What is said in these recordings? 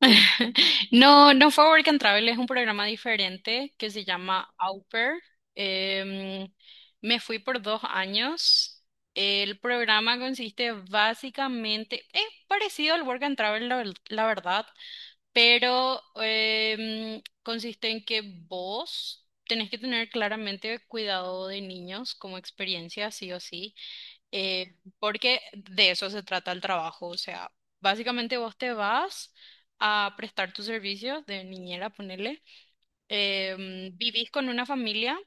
No, no fue Work and Travel, es un programa diferente que se llama Au Pair. Em, me fui por 2 años. El programa consiste básicamente, es parecido al Work and Travel, la verdad, pero consiste en que vos tenés que tener claramente cuidado de niños como experiencia, sí o sí porque de eso se trata el trabajo. O sea, básicamente vos te vas a prestar tus servicios de niñera, ponele. Vivís con una familia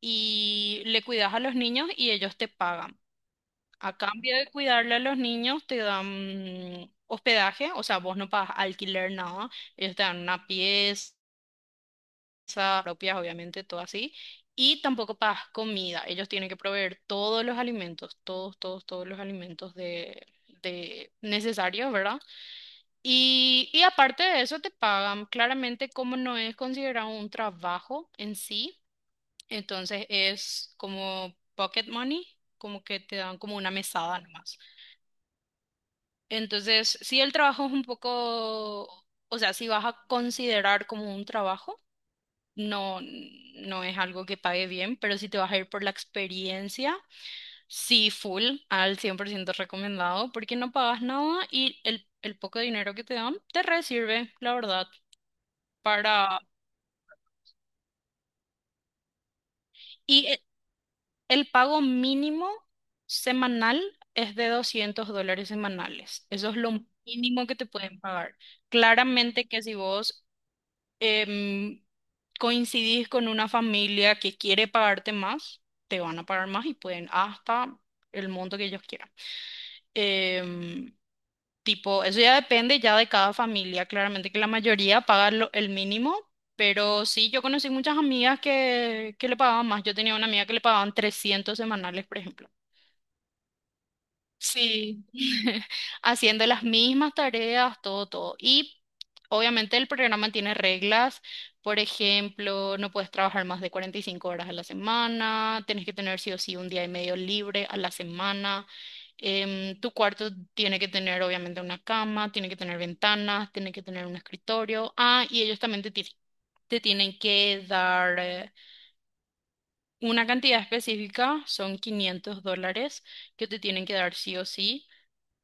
y le cuidas a los niños y ellos te pagan. A cambio de cuidarle a los niños, te dan hospedaje, o sea, vos no pagas alquiler, nada. Ellos te dan una pieza casa propias, obviamente, todo así. Y tampoco pagas comida. Ellos tienen que proveer todos los alimentos, todos, todos, todos los alimentos de necesarios, ¿verdad? Y aparte de eso te pagan. Claramente, como no es considerado un trabajo en sí, entonces es como pocket money, como que te dan como una mesada nomás. Entonces, si el trabajo es un poco, o sea, si vas a considerar como un trabajo. No, no es algo que pague bien, pero si te vas a ir por la experiencia, sí, full, al 100% recomendado, porque no pagas nada y el poco dinero que te dan te re sirve, la verdad, para. Y e- el pago mínimo semanal es de $200 semanales. Eso es lo mínimo que te pueden pagar. Claramente que si vos em, coincidís con una familia que quiere pagarte más, te van a pagar más y pueden hasta el monto que ellos quieran. Em, tipo, eso ya depende ya de cada familia. Claramente que la mayoría paga el mínimo, pero sí, yo conocí muchas amigas que le pagaban más. Yo tenía una amiga que le pagaban 300 semanales, por ejemplo. Sí, haciendo las mismas tareas, todo, todo. Y obviamente el programa tiene reglas, por ejemplo, no puedes trabajar más de 45 horas a la semana, tienes que tener sí o sí un día y medio libre a la semana, tu cuarto tiene que tener obviamente una cama, tiene que tener ventanas, tiene que tener un escritorio. Ah, y ellos también te tienen que dar una cantidad específica, son $500 que te tienen que dar sí o sí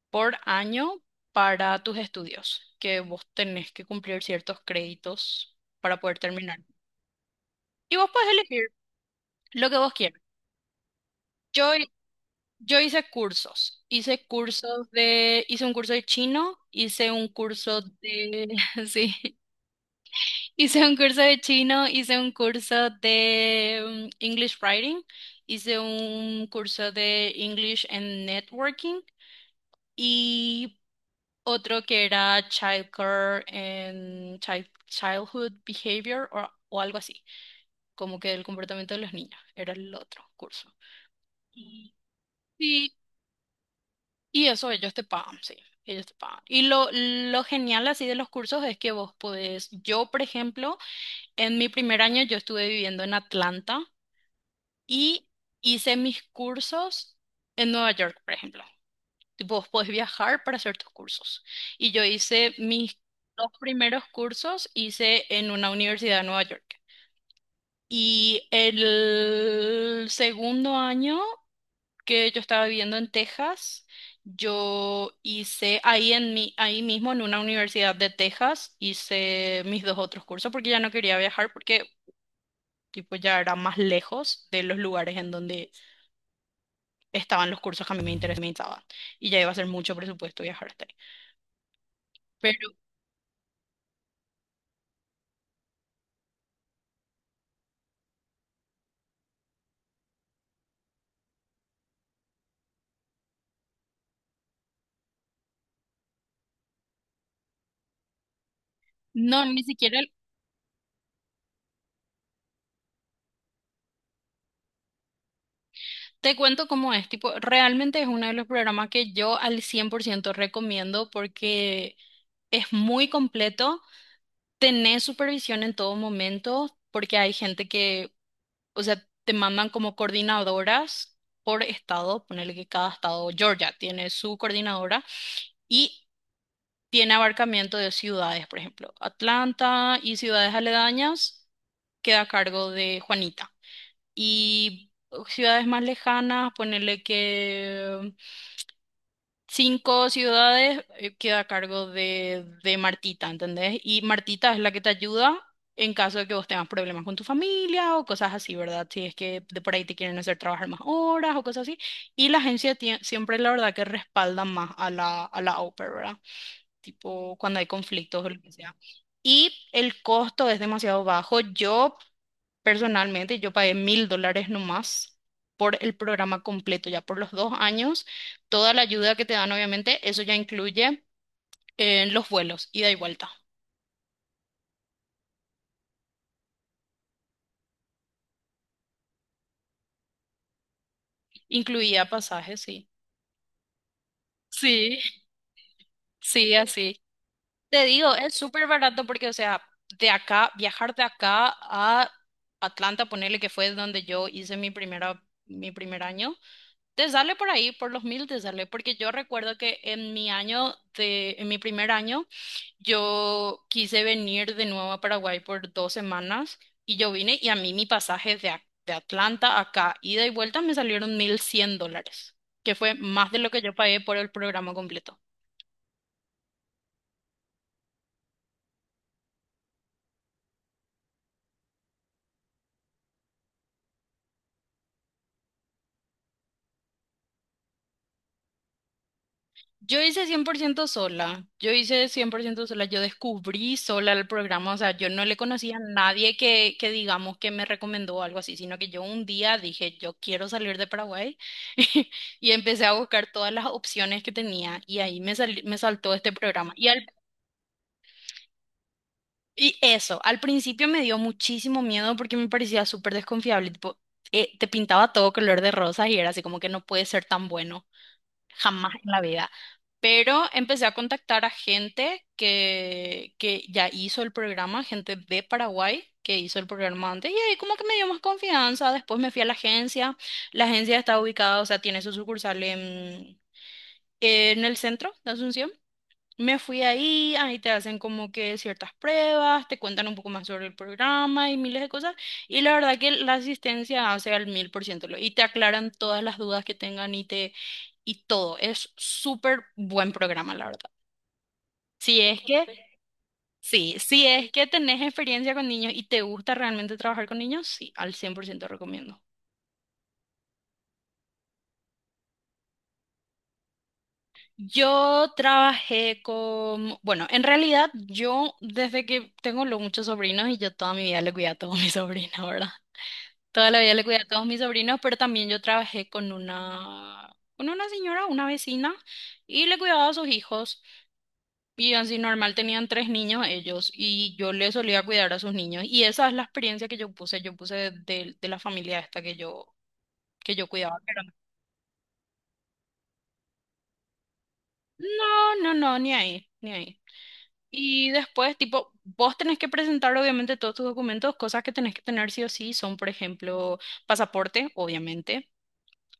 por año para tus estudios, que vos tenés que cumplir ciertos créditos para poder terminar. Y vos podés elegir lo que vos quieras. Yo, hi- yo hice un curso de chino, hice un curso de, sí, hice un curso de chino, hice un curso de English Writing, hice un curso de English and Networking. Y otro que era Childcare and Childhood Behavior o algo así, como que el comportamiento de los niños, era el otro curso. Y, y, y eso ellos te pagan, sí, ellos te pagan. Y lo genial así de los cursos es que vos podés, yo por ejemplo, en mi primer año yo estuve viviendo en Atlanta y hice mis cursos en Nueva York, por ejemplo. Tipo, vos podés viajar para hacer tus cursos. Y yo hice mis dos primeros cursos, hice en una universidad de Nueva York. Y el segundo año que yo estaba viviendo en Texas, yo hice ahí, en mi, ahí mismo en una universidad de Texas, hice mis dos otros cursos porque ya no quería viajar porque tipo, ya era más lejos de los lugares en donde estaban los cursos que a mí me interesaban. Y ya iba a ser mucho presupuesto viajar hasta ahí. No, ni siquiera el- te cuento cómo es. Tipo, realmente es uno de los programas que yo al 100% recomiendo porque es muy completo. Tenés supervisión en todo momento porque hay gente que, o sea, te mandan como coordinadoras por estado. Ponerle que cada estado, Georgia, tiene su coordinadora y tiene abarcamiento de ciudades, por ejemplo, Atlanta y ciudades aledañas queda a cargo de Juanita. Y ciudades más lejanas, ponerle que cinco ciudades queda a cargo de Martita, ¿entendés? Y Martita es la que te ayuda en caso de que vos tengas problemas con tu familia o cosas así, ¿verdad? Si es que de por ahí te quieren hacer trabajar más horas o cosas así. Y la agencia siempre, la verdad, que respalda más a la au pair, ¿verdad? Tipo cuando hay conflictos o lo que sea. Y el costo es demasiado bajo. Yo Personalmente, yo pagué $1,000 nomás por el programa completo, ya por los 2 años. Toda la ayuda que te dan, obviamente, eso ya incluye los vuelos, ida y vuelta. Incluía pasajes, sí. Sí, sí, así. Te digo, es súper barato porque, o sea, de acá, viajar de acá a Atlanta, ponerle que fue donde yo hice mi primer año, te sale por ahí, por los 1,000 te sale, porque yo recuerdo que en mi primer año, yo quise venir de nuevo a Paraguay por 2 semanas y yo vine y a mí mi pasaje de Atlanta a acá, ida y vuelta, me salieron $1,100, que fue más de lo que yo pagué por el programa completo. Yo hice 100% sola, yo hice 100% sola, yo descubrí sola el programa, o sea, yo no le conocía a nadie que digamos que me recomendó o algo así, sino que yo un día dije, yo quiero salir de Paraguay. Y empecé a buscar todas las opciones que tenía y ahí me saltó este programa. Y eso, al principio me dio muchísimo miedo porque me parecía súper desconfiable, tipo, te pintaba todo color de rosas y era así como que no puede ser tan bueno, jamás en la vida. Pero empecé a contactar a gente que ya hizo el programa, gente de Paraguay que hizo el programa antes, y ahí como que me dio más confianza. Después me fui a la agencia está ubicada, o sea, tiene su sucursal en el centro de Asunción. Me fui ahí, ahí te hacen como que ciertas pruebas, te cuentan un poco más sobre el programa y miles de cosas. Y la verdad que la asistencia hace al 1000% y te aclaran todas las dudas que tengan y te y todo. Es súper buen programa, la verdad. Si es que, sí, si es que tenés experiencia con niños y te gusta realmente trabajar con niños, sí, al 100% recomiendo. Yo trabajé con, bueno, en realidad yo desde que tengo los muchos sobrinos y yo toda mi vida le cuidé a todos mis sobrinos, ¿verdad? Toda la vida le cuidé a todos mis sobrinos, pero también yo trabajé con una señora, una vecina, y le cuidaba a sus hijos. Y así normal tenían tres niños ellos, y yo le solía cuidar a sus niños. Y esa es la experiencia que yo puse de la familia esta que yo cuidaba. Pero no, no, no, ni ahí, ni ahí. Y después, tipo, vos tenés que presentar obviamente todos tus documentos, cosas que tenés que tener sí o sí son, por ejemplo, pasaporte, obviamente.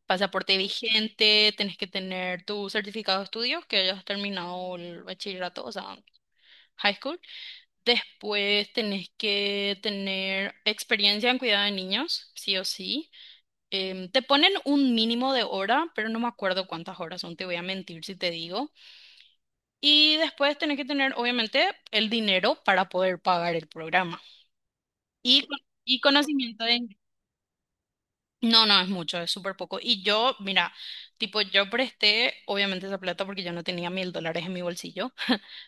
Pasaporte vigente, tenés que tener tu certificado de estudios, que hayas terminado el bachillerato, o sea, high school. Después tenés que tener experiencia en cuidado de niños, sí o sí. Te ponen un mínimo de hora, pero no me acuerdo cuántas horas son, te voy a mentir si te digo. Y después tenés que tener, obviamente, el dinero para poder pagar el programa. Y, y conocimiento de. No, no, es mucho, es súper poco. Y yo, mira, tipo, yo presté, obviamente esa plata porque yo no tenía $1,000 en mi bolsillo,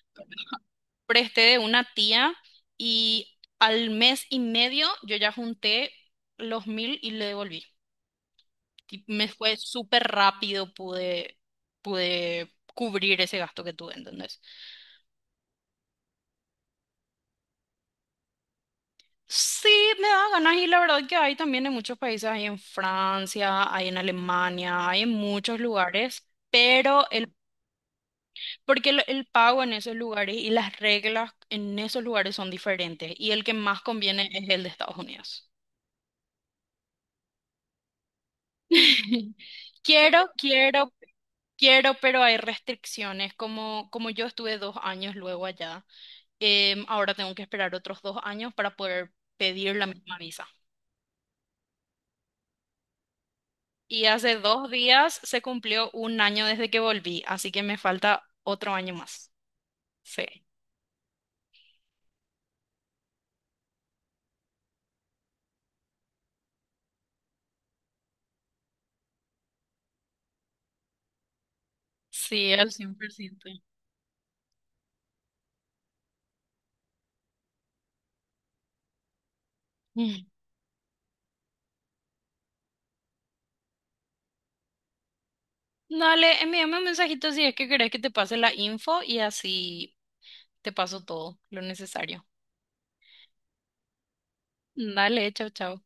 presté de una tía y al mes y medio yo ya junté los 1,000 y le devolví. Me fue súper rápido, pude cubrir ese gasto que tuve, ¿entendés? Sí, me da ganas y la verdad que hay también en muchos países, hay en Francia, hay en Alemania, hay en muchos lugares. Pero el Porque el pago en esos lugares y las reglas en esos lugares son diferentes y el que más conviene es el de Estados Unidos. Quiero, quiero, quiero, pero hay restricciones. Como yo estuve 2 años luego allá, ahora tengo que esperar otros 2 años para poder pedir la misma visa. Y hace 2 días se cumplió un año desde que volví, así que me falta otro año más. Sí, sí, al 100%. Dale, envíame un mensajito si es que querés que te pase la info y así te paso todo lo necesario. Dale, chao, chao.